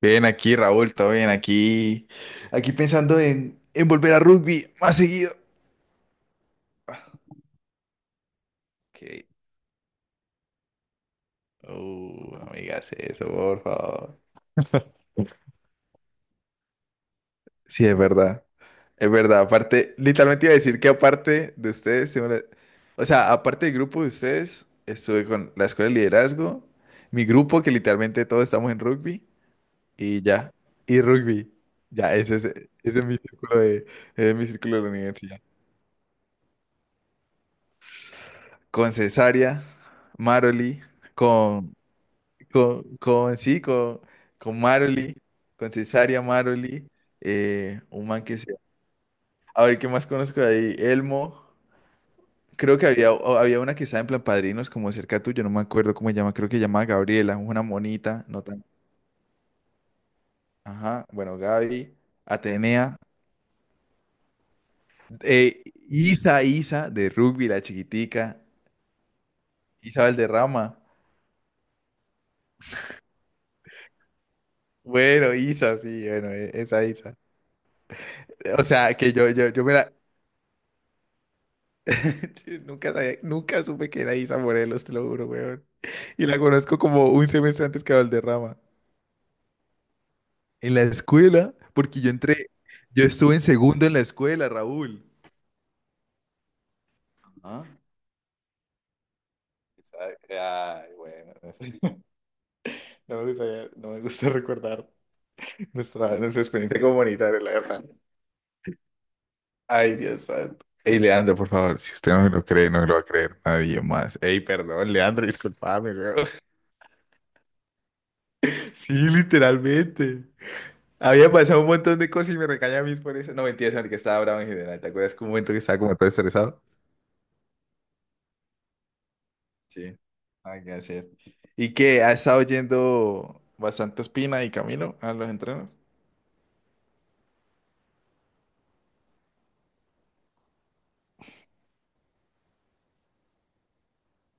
Bien aquí, Raúl, todo bien aquí. Aquí pensando en volver a rugby más seguido. Ok. No me digas eso, por favor. Sí, es verdad. Es verdad. Aparte, literalmente iba a decir que aparte de ustedes, o sea, aparte del grupo de ustedes, estuve con la escuela de liderazgo, mi grupo, que literalmente todos estamos en rugby, y ya. Y rugby. Ya, ese es mi círculo ese es mi círculo de la universidad. Con Cesaria, Maroli. Con, con- sí, con, con Maroli, con Cesaria Maroli, un man que se... A ver, ¿qué más conozco de ahí? Elmo, creo que había, había una que estaba en plan padrinos, como cerca tuyo, no me acuerdo cómo se llama, creo que se llamaba Gabriela, una monita, no tan... Ajá, bueno, Gaby, Atenea, eh, Isa, de rugby, la chiquitica, Isa Valderrama, bueno, Isa, sí, bueno, esa Isa. O sea, que yo me la. Nunca supe que era Isa Morelos, te lo juro, weón. Y la conozco como un semestre antes que Valderrama. En la escuela, porque yo entré, yo estuve en segundo en la escuela, Raúl. ¿Ah? Isa. Ay, bueno, no sé. No me gusta, no me gusta recordar nuestra experiencia comunitaria, la verdad. Ay, Dios santo. Ey, Leandro, por favor, si usted no me lo cree, no me lo va a creer nadie más. Ey, perdón, Leandro, disculpame, weón. Sí, literalmente. Había pasado un montón de cosas y me recaña a mí por eso. No, mentiras, en el que estaba bravo en general. ¿Te acuerdas que un momento que estaba como todo estresado? Sí. Hay que hacer. ¿Y que ¿Has estado yendo bastante Espina y Camilo a los entrenos?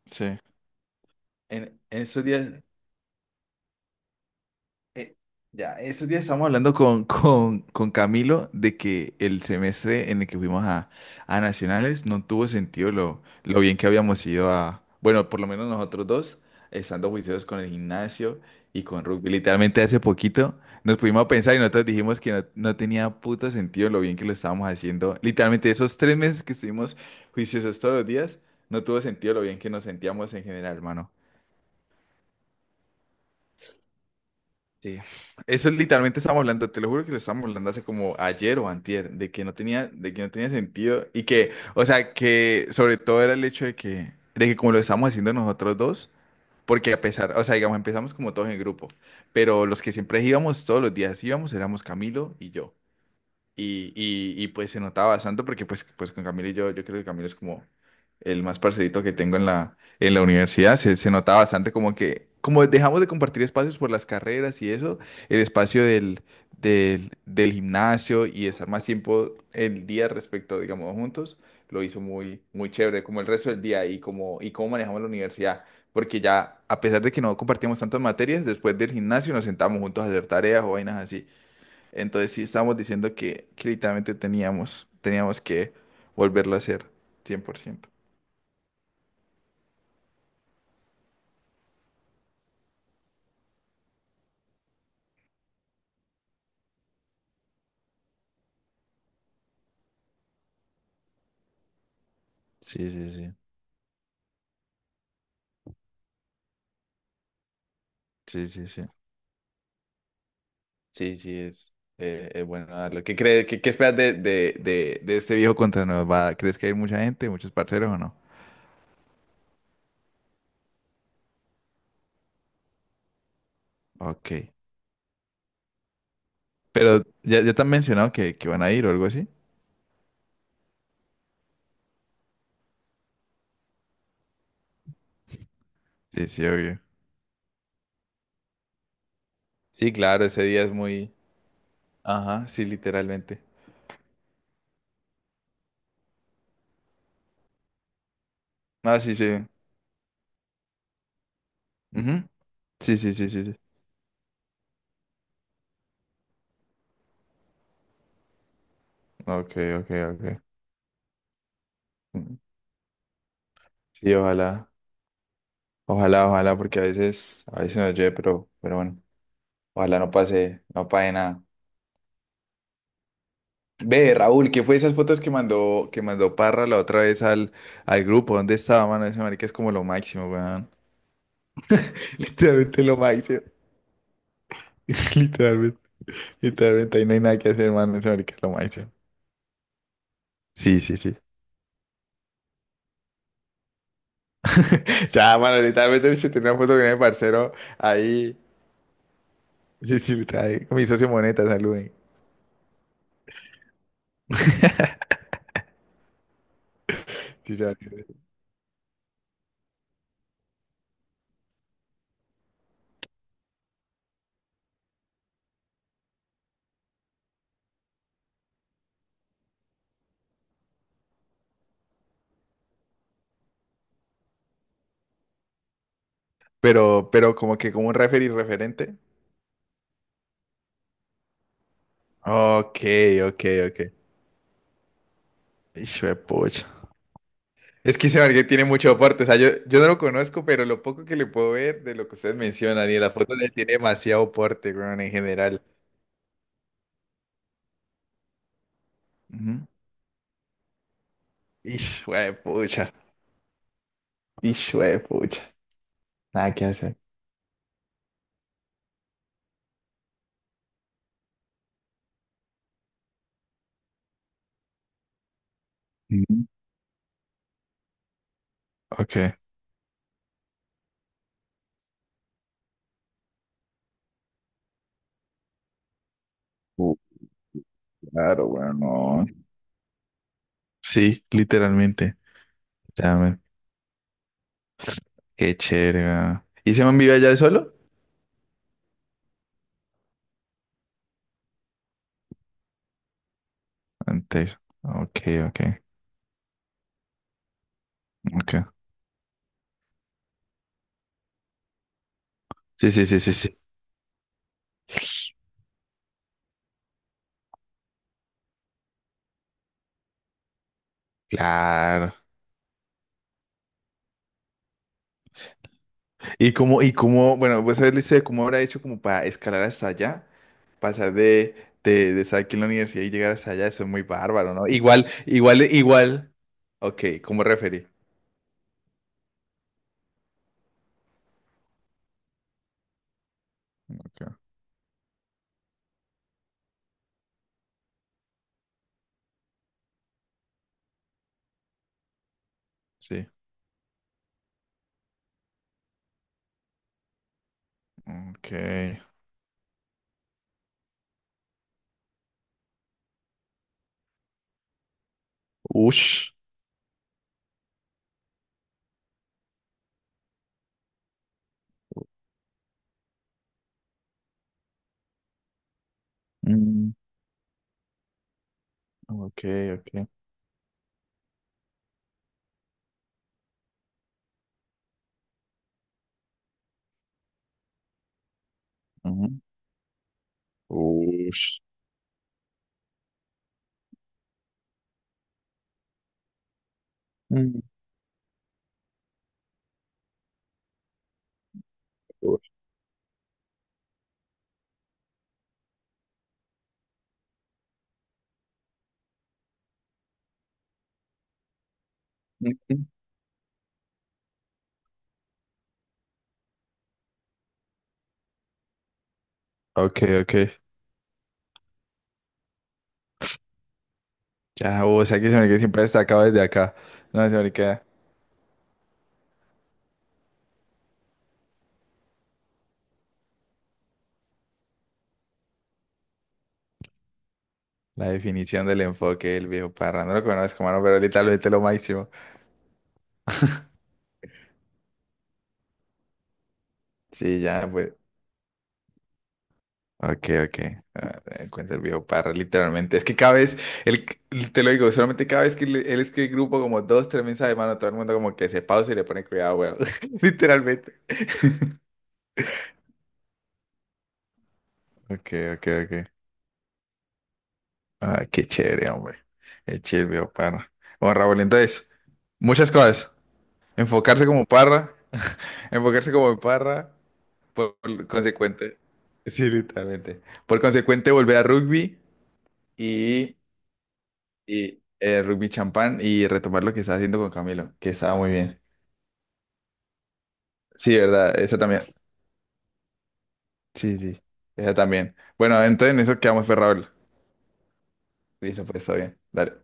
Sí. En esos días. Eh, ya, esos días estábamos hablando con Camilo de que el semestre en el que fuimos a Nacionales no tuvo sentido lo bien que habíamos ido a, bueno, por lo menos nosotros dos, estando juiciosos con el gimnasio y con rugby. Literalmente hace poquito nos pudimos pensar y nosotros dijimos que no, no tenía puto sentido lo bien que lo estábamos haciendo. Literalmente esos tres meses que estuvimos juiciosos todos los días, no tuvo sentido lo bien que nos sentíamos en general, hermano. Sí, eso literalmente estamos hablando, te lo juro que lo estamos hablando hace como ayer o antier, de que no tenía, de que no tenía sentido y que, o sea, que sobre todo era el hecho de que como lo estamos haciendo nosotros dos, porque a pesar, o sea, digamos, empezamos como todos en grupo, pero los que siempre íbamos todos los días íbamos éramos Camilo y yo. Pues se notaba bastante porque pues con Camilo y yo creo que Camilo es como el más parcerito que tengo en en la universidad. Se notaba bastante como que, como dejamos de compartir espacios por las carreras y eso, el espacio del gimnasio y estar más tiempo el día respecto, digamos, juntos, lo hizo muy chévere, como el resto del día y como, y cómo manejamos la universidad. Porque ya, a pesar de que no compartíamos tantas materias, después del gimnasio nos sentamos juntos a hacer tareas o vainas así. Entonces sí estábamos diciendo que literalmente teníamos que volverlo a hacer 100%. Sí, sí, sí. Sí, sí, sí. Sí, sí, es bueno darlo. ¿Qué crees, qué esperas de este viejo contra nos va? ¿Crees que hay mucha gente, muchos parceros o no? Ok. Pero ya, ya te han mencionado que van a ir o algo así. Sí, sí, obvio. Sí, claro, ese día es muy... Ajá, sí, literalmente. Ah, sí, sí. Ujú. Sí, sí, sí, sí, sí. Ok, ok, ok. Mm. Sí, ojalá. Ojalá, ojalá, porque a veces nos llueve, pero bueno, ojalá no pase, no pase nada. Ve, Raúl, ¿qué fue esas fotos que mandó Parra la otra vez al grupo? ¿Dónde estaba, mano? Ese marica es como lo máximo, weón. Literalmente lo máximo. Literalmente, literalmente, ahí no hay nada que hacer, mano. Ese marica es lo máximo. Sí, sí, sí. Ya, mano, literalmente se tenía una foto con el parcero ahí. Sí, sí, está ahí, con mi socio Moneta, saluden. Sí, ya. Pero como que como un referee referente. Ok, ok, ok. Hijo de pucha. Es que ese Marguerite tiene mucho aporte. O sea, yo no lo conozco, pero lo poco que le puedo ver de lo que ustedes mencionan y de las fotos de él tiene demasiado aporte, weón, en general. Ujú. Hijo de pucha. Hijo de pucha. Nada que hacer. Ujú. Ok. Uh, claro, weón, no. Sí, literalmente. Ya, man. Qué chévere, weón. ¿Y se man vive allá de solo? Antes. Ok, ok, ok. Sí, sí, sí, sí, sí. Claro. Y cómo, bueno, pues él dice cómo habrá hecho como para escalar hasta allá, pasar de, de estar aquí en la universidad y llegar hasta allá, eso es muy bárbaro, ¿no? Igual, igual, igual. Ok, como referí. Okay. Sí. Ok. Ush. Mm, ok, ok. Ujú. Ush. Mm, ush. Ujú. Ok, ok. Ya, o sea que se me que siempre destacado desde acá. No, se me queda la definición del enfoque del viejo parrandero que bueno, es como no, pero ahorita lo es lo máximo. Sí, ya, pues. Ok, ok. Ah, encuentra el viejo Parra, literalmente. Es que cada vez, él, te lo digo, solamente cada vez él escribe grupo como 2, 3 mensajes, de mano, todo el mundo como que se pausa y le pone cuidado, weón. Literalmente. Ok, ok, ok. Ah, qué chévere, hombre. Qué chévere, el viejo Parra. Bueno, Raúl, entonces, muchas cosas. Enfocarse como Parra, enfocarse como Parra, por consecuente. Sí, literalmente. Por consecuente, volver a rugby y. Y rugby champán y retomar lo que estaba haciendo con Camilo, que estaba muy bien. Sí, ¿verdad? Esa también. Sí, sí. Esa también. Bueno, entonces en eso quedamos, pues, Raúl. Listo, pues, está bien. Dale.